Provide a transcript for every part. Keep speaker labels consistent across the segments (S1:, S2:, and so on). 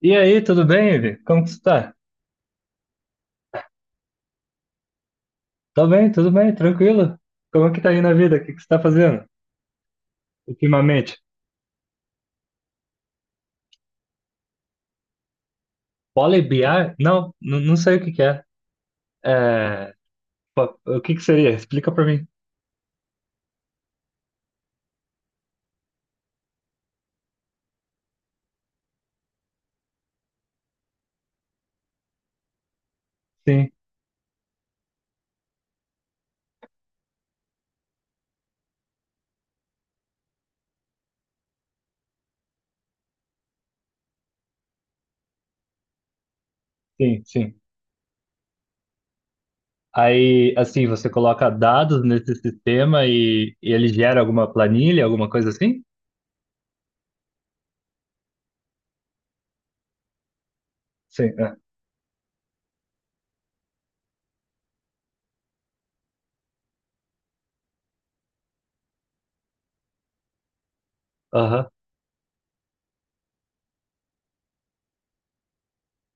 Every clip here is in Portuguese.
S1: E aí, tudo bem, Ivi? Como que você tá? Tô bem, tudo bem, tranquilo. Como que tá aí na vida? O que que você tá fazendo ultimamente? Pole BI? Não, não sei o que que é. É, o que que seria? Explica pra mim. Sim, sim. Aí, assim, você coloca dados nesse sistema e ele gera alguma planilha, alguma coisa assim? Sim, é. Aham.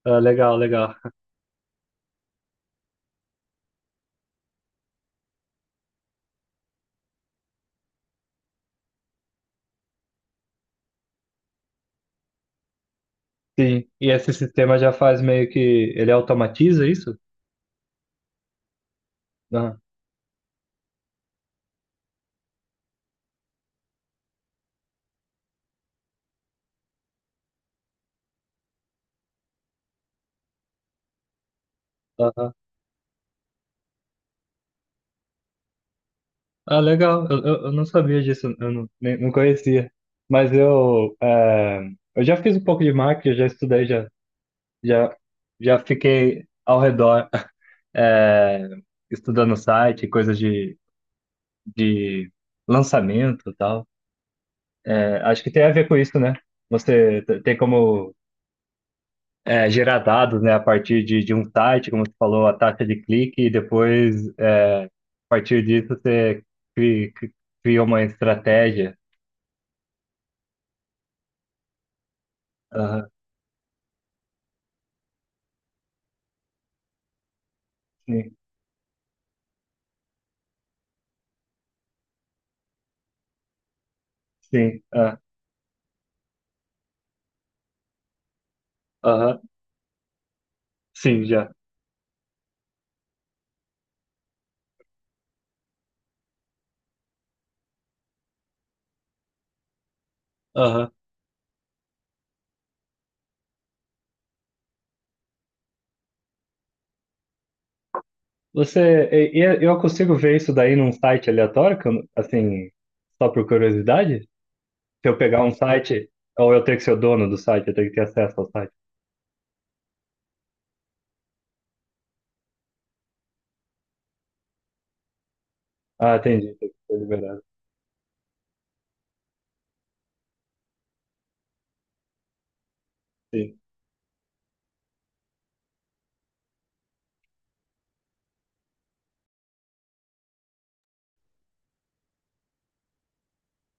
S1: Ah, legal, legal. Sim, e esse sistema já faz meio que... Ele automatiza isso? Aham. aham. Ah, legal. Eu não sabia disso, eu não, nem, não conhecia. Mas eu, eu já fiz um pouco de marketing, já estudei, já, já fiquei ao redor, é, estudando site, coisas de lançamento e tal. É, acho que tem a ver com isso, né? Tem como, gerar dados, né, a partir de um site, como você falou, a taxa de clique, e depois, a partir disso, você cri- cri- cria uma estratégia. Aham, sim, sim. Aham, sim, já. Aham. Você, e- é, eu consigo ver isso daí num site aleatório, que eu não- assim, só por curiosidade? Se eu pegar um site, ou eu tenho que ser o dono do site, eu tenho que ter acesso ao site. Ah, entendi, tem que ser liberado. Sim,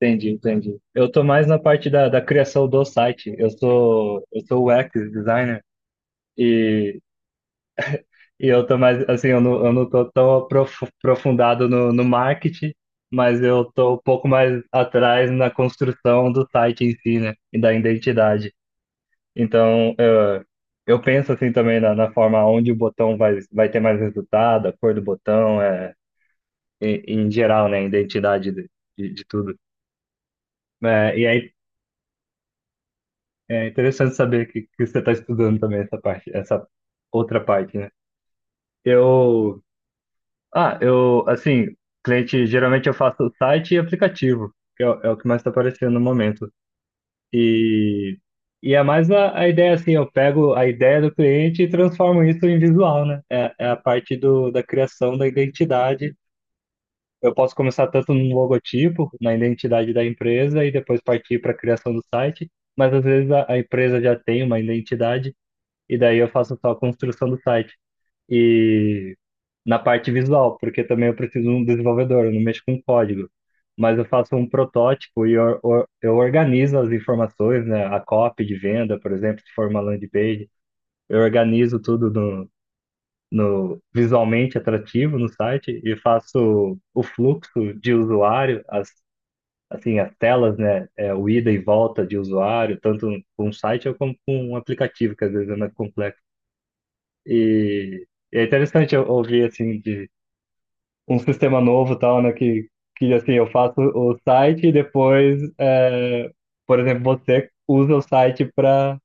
S1: entendi, entendi. Eu tô mais na parte da criação do site. Eu sou UX designer. E eu tô mais, assim, eu não tô tão aprofundado no marketing, mas eu tô um pouco mais atrás na construção do site em si, né? E da identidade. Então, eu penso, assim, também na forma onde o botão vai ter mais resultado, a cor do botão, em, em geral, né? A identidade de tudo. É, e aí, é interessante saber que você tá estudando também essa parte, essa outra parte, né? Eu... Ah, eu, assim, cliente, geralmente eu faço site e aplicativo, que é, o é o que mais está aparecendo no momento. E, e é mais a ideia, assim, eu pego a ideia do cliente e transformo isso em visual, né? É, é a parte da criação da identidade. Eu posso começar tanto no logotipo, na identidade da empresa, e depois partir para a criação do site, mas às vezes a empresa já tem uma identidade, e daí eu faço só a construção do site e na parte visual, porque também eu preciso de um desenvolvedor, eu não mexo com código. Mas eu faço um protótipo e eu organizo as informações, né? A copy de venda, por exemplo, se for uma landing page, eu organizo tudo no, no visualmente atrativo no site e faço o fluxo de usuário, as, assim, as telas, né? É, o ida e volta de usuário, tanto com um site como com um aplicativo, que às vezes é mais complexo. E é interessante eu ouvir, assim, de um sistema novo e tal, né? Que assim, eu faço o site e depois, é, por exemplo, você usa o site para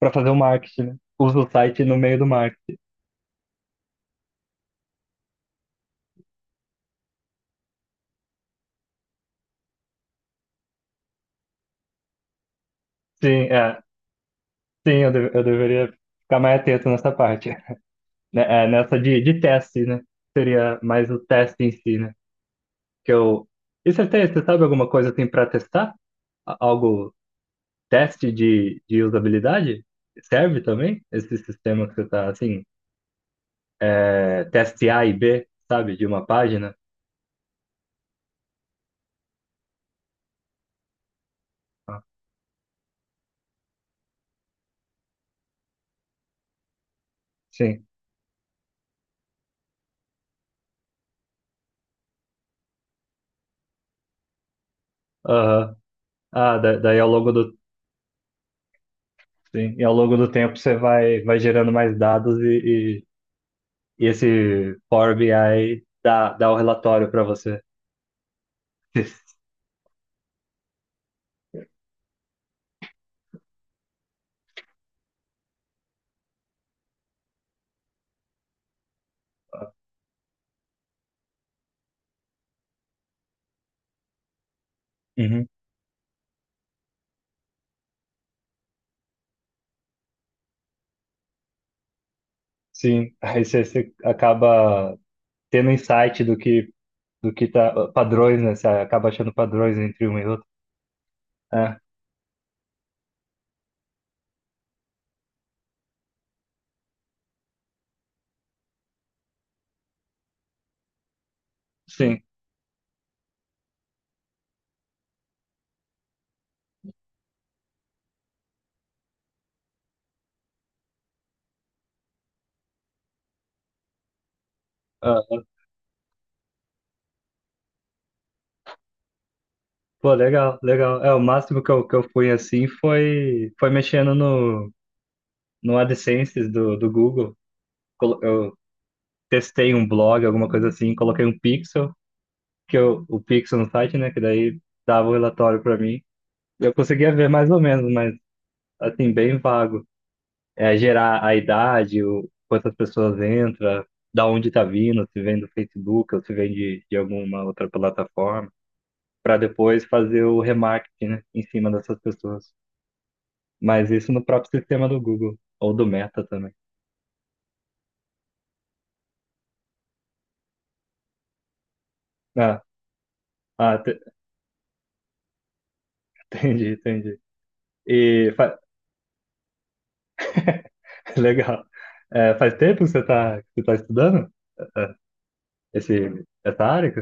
S1: para fazer o marketing, né? Usa o site no meio do marketing. Sim, é, sim, eu deveria ficar mais atento nessa parte, né? É, nessa de teste, né? Seria mais o teste em si, né? Que eu... E você tem, você sabe alguma coisa assim para testar? Algo, teste de usabilidade? Serve também esse sistema que você está assim? É, teste A e B, sabe, de uma página. Ah, Sim. Aham. Ah, daí ao longo do, sim, e ao longo do tempo você vai, vai gerando mais dados e esse Power BI dá, dá o relatório para você. Uhum. Sim, aí você, você acaba tendo insight do que tá, padrões, né? Você acaba achando padrões entre um e outro. É, sim. Ah, pô, legal, legal. É, o máximo que eu fui assim foi, foi mexendo no. No AdSense do, do Google, eu testei um blog, alguma coisa assim, coloquei um pixel, o pixel no site, né, que daí dava o relatório para mim. Eu conseguia ver mais ou menos, mas assim, bem vago. É gerar a idade, quantas pessoas entram, da onde tá vindo, se vem do Facebook ou se vem de alguma outra plataforma, para depois fazer o remarketing, né, em cima dessas pessoas. Mas isso no próprio sistema do Google, ou do Meta também. Ah, ah, te- entendi, entendi. E fa- legal. É, faz tempo que você tá estudando é, esse, essa área?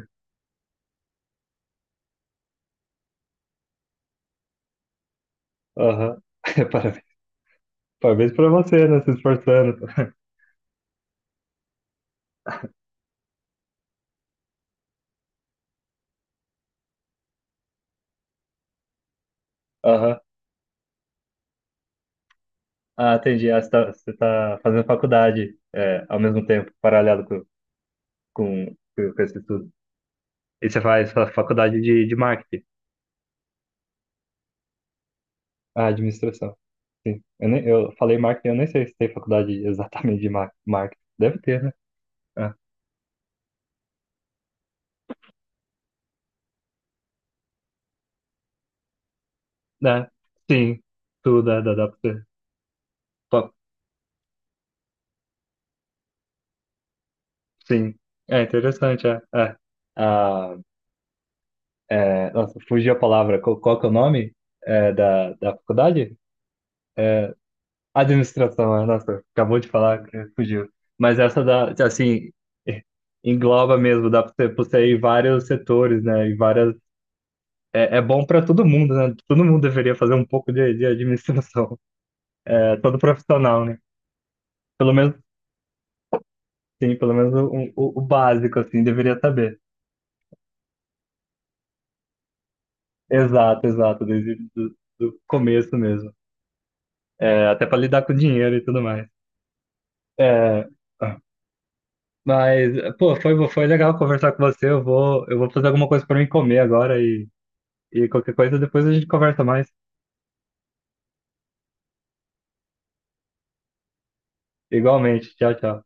S1: Aham. Parabéns, parabéns para você, né? Se esforçando. Aham. Ah, entendi. Ah, você tá fazendo faculdade é, ao mesmo tempo, paralelo com esse estudo. E você faz faculdade de marketing. Ah, administração. Sim. Eu falei marketing, eu nem sei se tem faculdade exatamente de marketing. Deve ter, né? Ah, né? Sim. Tudo, dá pra você. Sim. É interessante, é. É. Ah, é, nossa, fugiu a palavra. Qual, qual que é o nome da, da faculdade? É, administração, é. Nossa, acabou de falar que fugiu. Mas essa da, assim, engloba mesmo, dá para você, pra você ir vários setores, né? E várias. É, é bom para todo mundo, né? Todo mundo deveria fazer um pouco de administração. É, todo profissional, né? Pelo menos, sim, pelo menos o básico, assim, deveria saber. Exato, exato, desde do começo mesmo. É, até para lidar com dinheiro e tudo mais. É, tá. Mas, foi legal conversar com você. Eu vou fazer alguma coisa para mim comer agora e qualquer coisa depois a gente conversa mais. Igualmente. Tchau, tchau.